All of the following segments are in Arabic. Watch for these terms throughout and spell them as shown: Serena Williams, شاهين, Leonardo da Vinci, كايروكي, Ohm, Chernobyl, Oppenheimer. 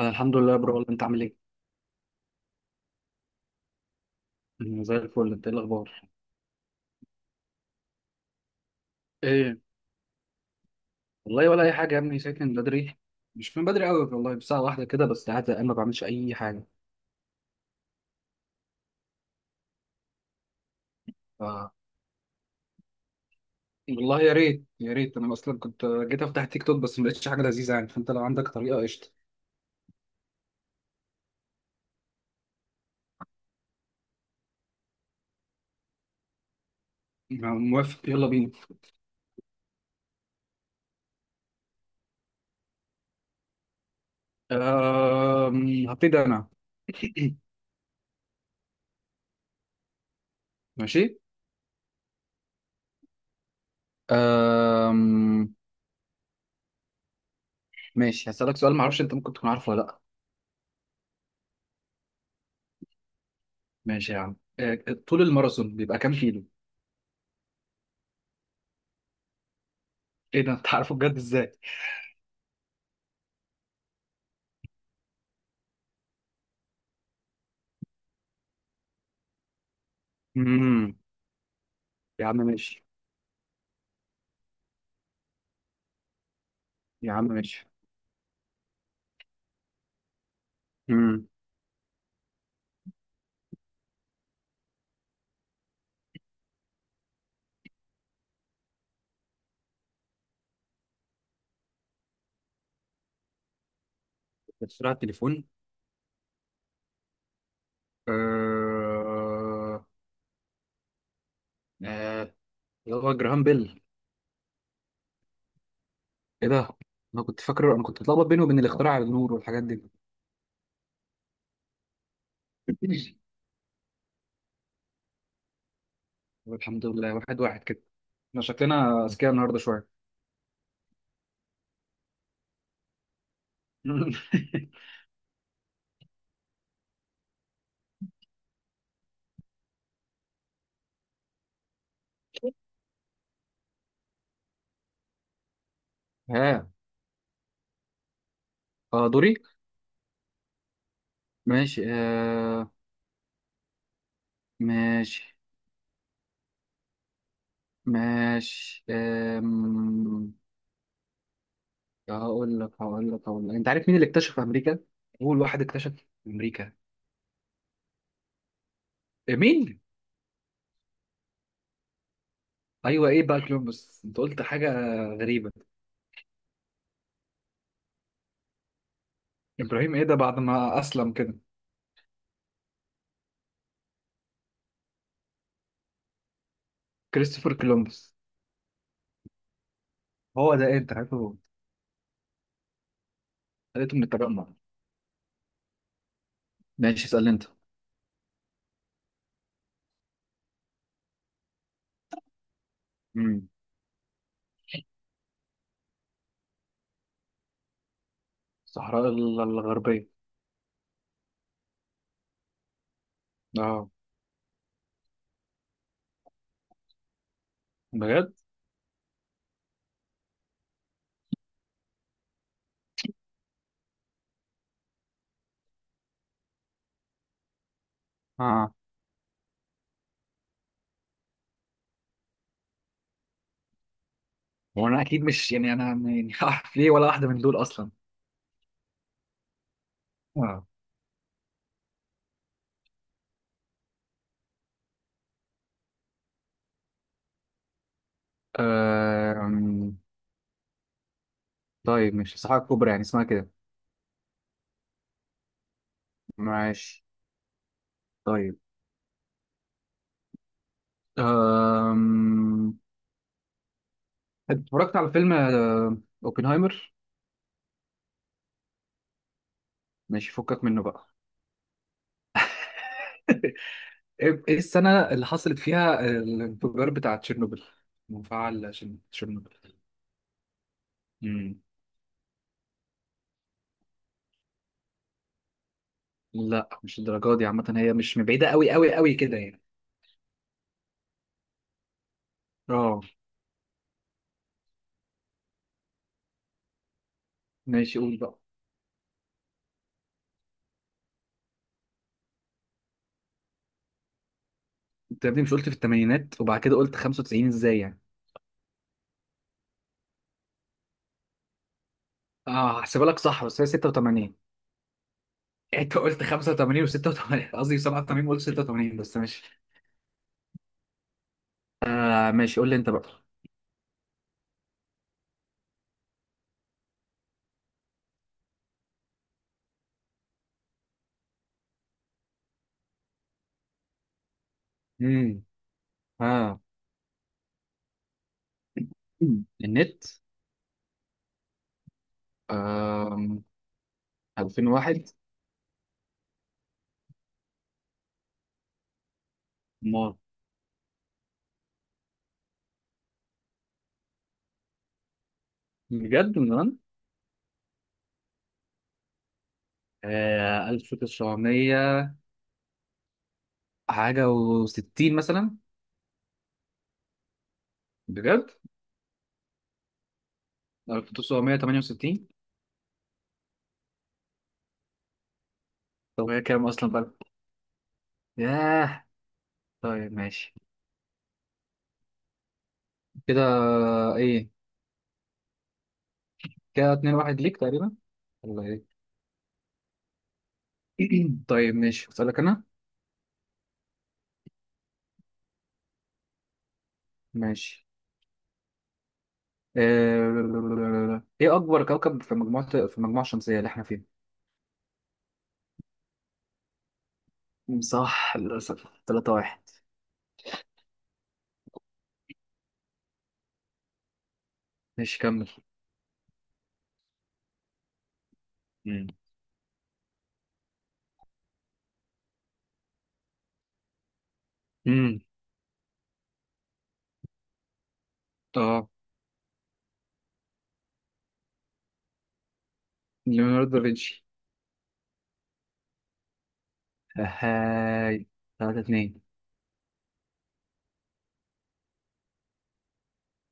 انا الحمد لله يا برو، والله انت عامل ايه؟ أنا زي الفل. انت ايه الاخبار؟ ايه والله، ولا اي حاجه يا ابني. ساكن بدري، مش من بدري قوي والله، بساعه واحده كده بس، قاعد زهقان ما بعملش اي حاجه. ف والله يا ريت، يا ريت. انا اصلا كنت جيت افتح تيك توك، بس ما لقيتش حاجه لذيذه يعني، فانت لو عندك طريقه قشطه. موافق، يلا بينا. هبتدي انا. ماشي. أم... ماشي، هسألك سؤال ما اعرفش انت ممكن تكون عارفه ولا لا. ماشي يا عم، طول الماراثون بيبقى كام كيلو؟ ايه ده، انت عارفه بجد ازاي؟ امم. يا عم ماشي. يا عم ماشي. امم. بسرعة، التليفون. آه... آه... اللي هو جراهام بيل. ايه ده؟ انا كنت فاكره، انا كنت بتلخبط بينه وبين الاختراع على النور والحاجات دي. طب الحمد لله، واحد واحد كده. احنا شكلنا اذكياء النهارده شوية. ها. اه، دوري. ماشي ماشي. ماشي هقول لك، انت عارف مين اللي اكتشف امريكا؟ اول واحد اكتشف امريكا. إيه، مين؟ ايوه، ايه بقى كولومبوس؟ انت قلت حاجه غريبه. ابراهيم؟ ايه ده، بعد ما اسلم كده؟ كريستوفر كولومبوس. هو ده، ايه انت عارفه؟ لقيته من التجمع. ماشي، اسال انت. امم. الصحراء الغربيه. اه، بجد. اه. هو انا اكيد مش، يعني انا يعني هعرف ليه ولا واحده من دول اصلا. اه. أم، طيب مش الصحراء الكبرى يعني اسمها كده؟ ماشي، طيب. أم... أنت اتفرجت على فيلم اوبنهايمر؟ ماشي، فكك منه بقى. ايه، إيه السنة اللي حصلت فيها الانفجار بتاع تشيرنوبل؟ مفاعل تشيرنوبل. مم. لا مش الدرجة دي، عامة هي مش من بعيدة قوي قوي قوي كده يعني. اه ماشي، قول بقى. انت يا ابني مش قلت في الثمانينات، وبعد كده قلت 95؟ ازاي يعني؟ اه، هحسبها لك صح، بس هي 86. انت قلت 85 و86، قصدي 87، وقلت 86، بس ماشي. آه ماشي، قول لي انت بقى. امم. ها. النت. آه. 2001. ما. بجد، من زمان. آه، 1900 حاجة وستين مثلا. بجد. 1968. طب هي كام أصلا بقى؟ ياه. طيب ماشي. كده. إيه. كده اتنين واحد ليك تقريبا. ولا إيه؟ طيب ماشي، أسألك أنا. ماشي. آه، إيه أكبر كوكب في مجموعة، في المجموعة الشمسية اللي إحنا فيها؟ مم، صح. للأسف تلاتة واحد. ماشي، كمل. مم. مم. اه. ليوناردو دافنشي. هاي. تلاتة اتنين.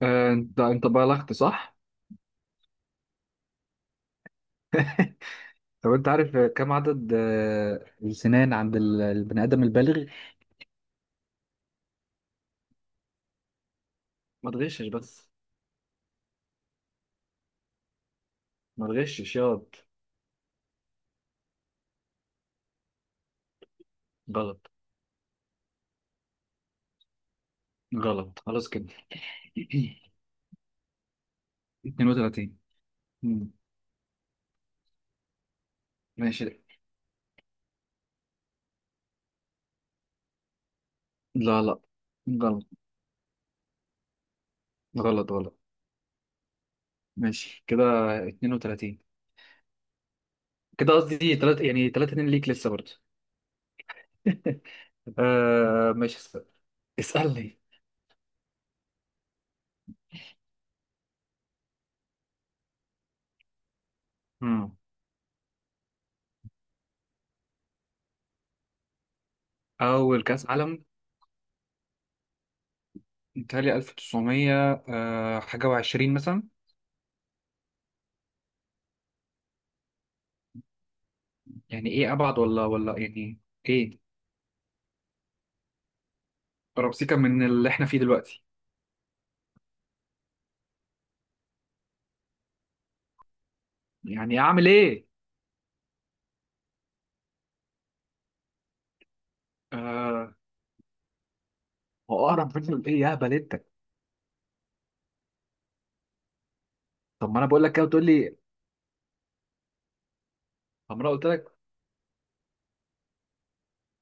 انت بالغت صح؟ طب انت عارف كم عدد السنان عند البني ادم البالغ؟ ما تغشش بس. ما تغشش ياض. غلط. غلط، خلاص كده. 32. مم. ماشي. لا لا، غلط. غلط غلط. ماشي كده. 32. كده قصدي تلات، يعني 3 2 ليك لسه برضه. آه ماشي، اسأل. اسألني. مم. أول كأس عالم. متهيألي 1900 آه حاجة وعشرين مثلا. يعني ايه، ابعد ولا ولا يعني؟ ايه، ربسيكا من اللي احنا فيه دلوقتي؟ يعني اعمل ايه؟ آه. هو اقرب منه لايه يا بلدتك؟ طب ما انا بقول لك كده وتقول لي. عمرها، قلت لك.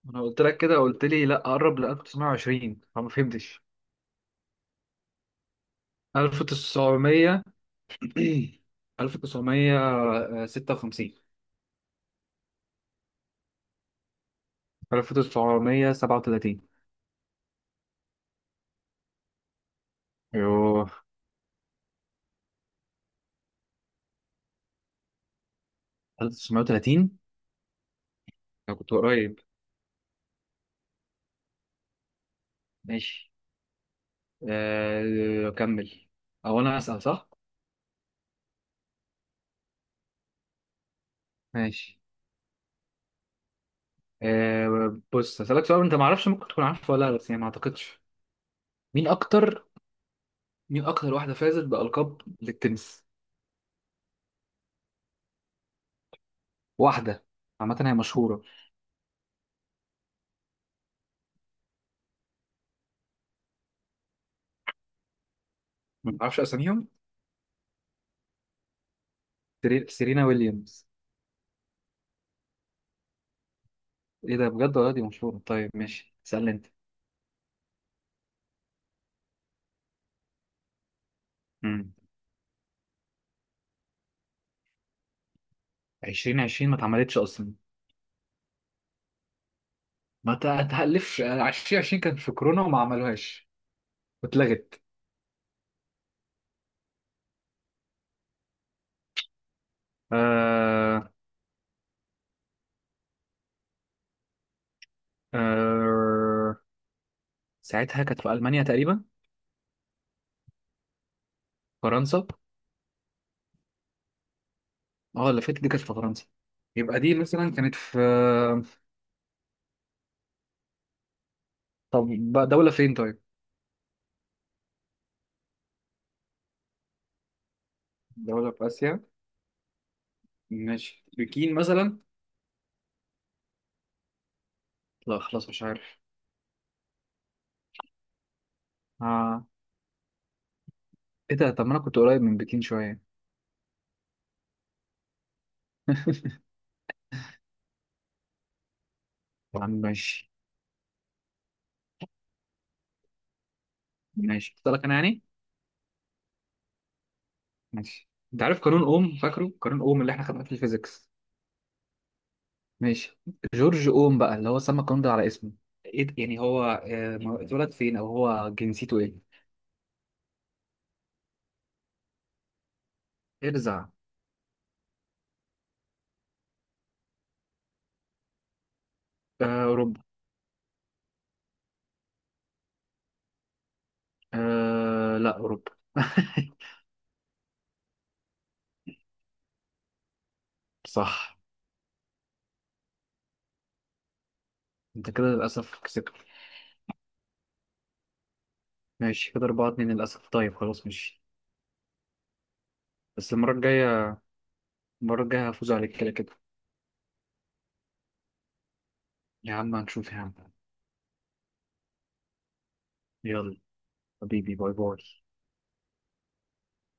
ما انا قلت لك كده، قلت لي لا اقرب ل 1920، فما فهمتش. 1900. 1956. 1937. يوه. 1930. انا كنت قريب. ماشي. آه، اكمل. او انا اسال، صح؟ ماشي. آه بص، هسألك سؤال انت ما اعرفش ممكن تكون عارفه ولا لا، بس يعني ما اعتقدش. مين اكتر مين اكتر واحده فازت بالقاب للتنس؟ واحده عامه، هي مشهوره. ما اعرفش اساميهم. سيرينا ويليامز. ايه ده، بجد؟ ولا دي مشهوره؟ طيب ماشي، اسالني انت. امم. 2020 ما اتعملتش اصلا. ما تهلفش، 2020 كانت في كورونا وما عملوهاش. واتلغت. آه. آه. ساعتها كانت في المانيا تقريبا. فرنسا. اه، اللي فاتت دي كانت في فرنسا. يبقى دي مثلا كانت في، طب، بقى دولة فين طيب؟ دولة في آسيا. ماشي، بكين مثلا. لا خلاص، مش عارف. آه. ايه ده، طب ما انا كنت قريب من بكين شوية. طب ماشي. ماشي، اسألك انا يعني؟ ماشي، انت عارف قانون اوم؟ فاكره؟ قانون اوم اللي احنا خدناه في الفيزيكس. ماشي. جورج اوم بقى، اللي هو سمى القانون ده على اسمه. ايه ده؟ يعني هو، اتولد فين، او هو جنسيته ايه؟ ارزع. آه، اوروبا. آه لا، اوروبا. صح. انت كده للأسف كسبت. ماشي، كده أربعة اتنين للأسف. طيب خلاص، ماشي. بس المرة الجاية، المرة الجاية هفوز عليك كده كده. يا عم هنشوف يا عم. يلا. حبيبي، باي باي.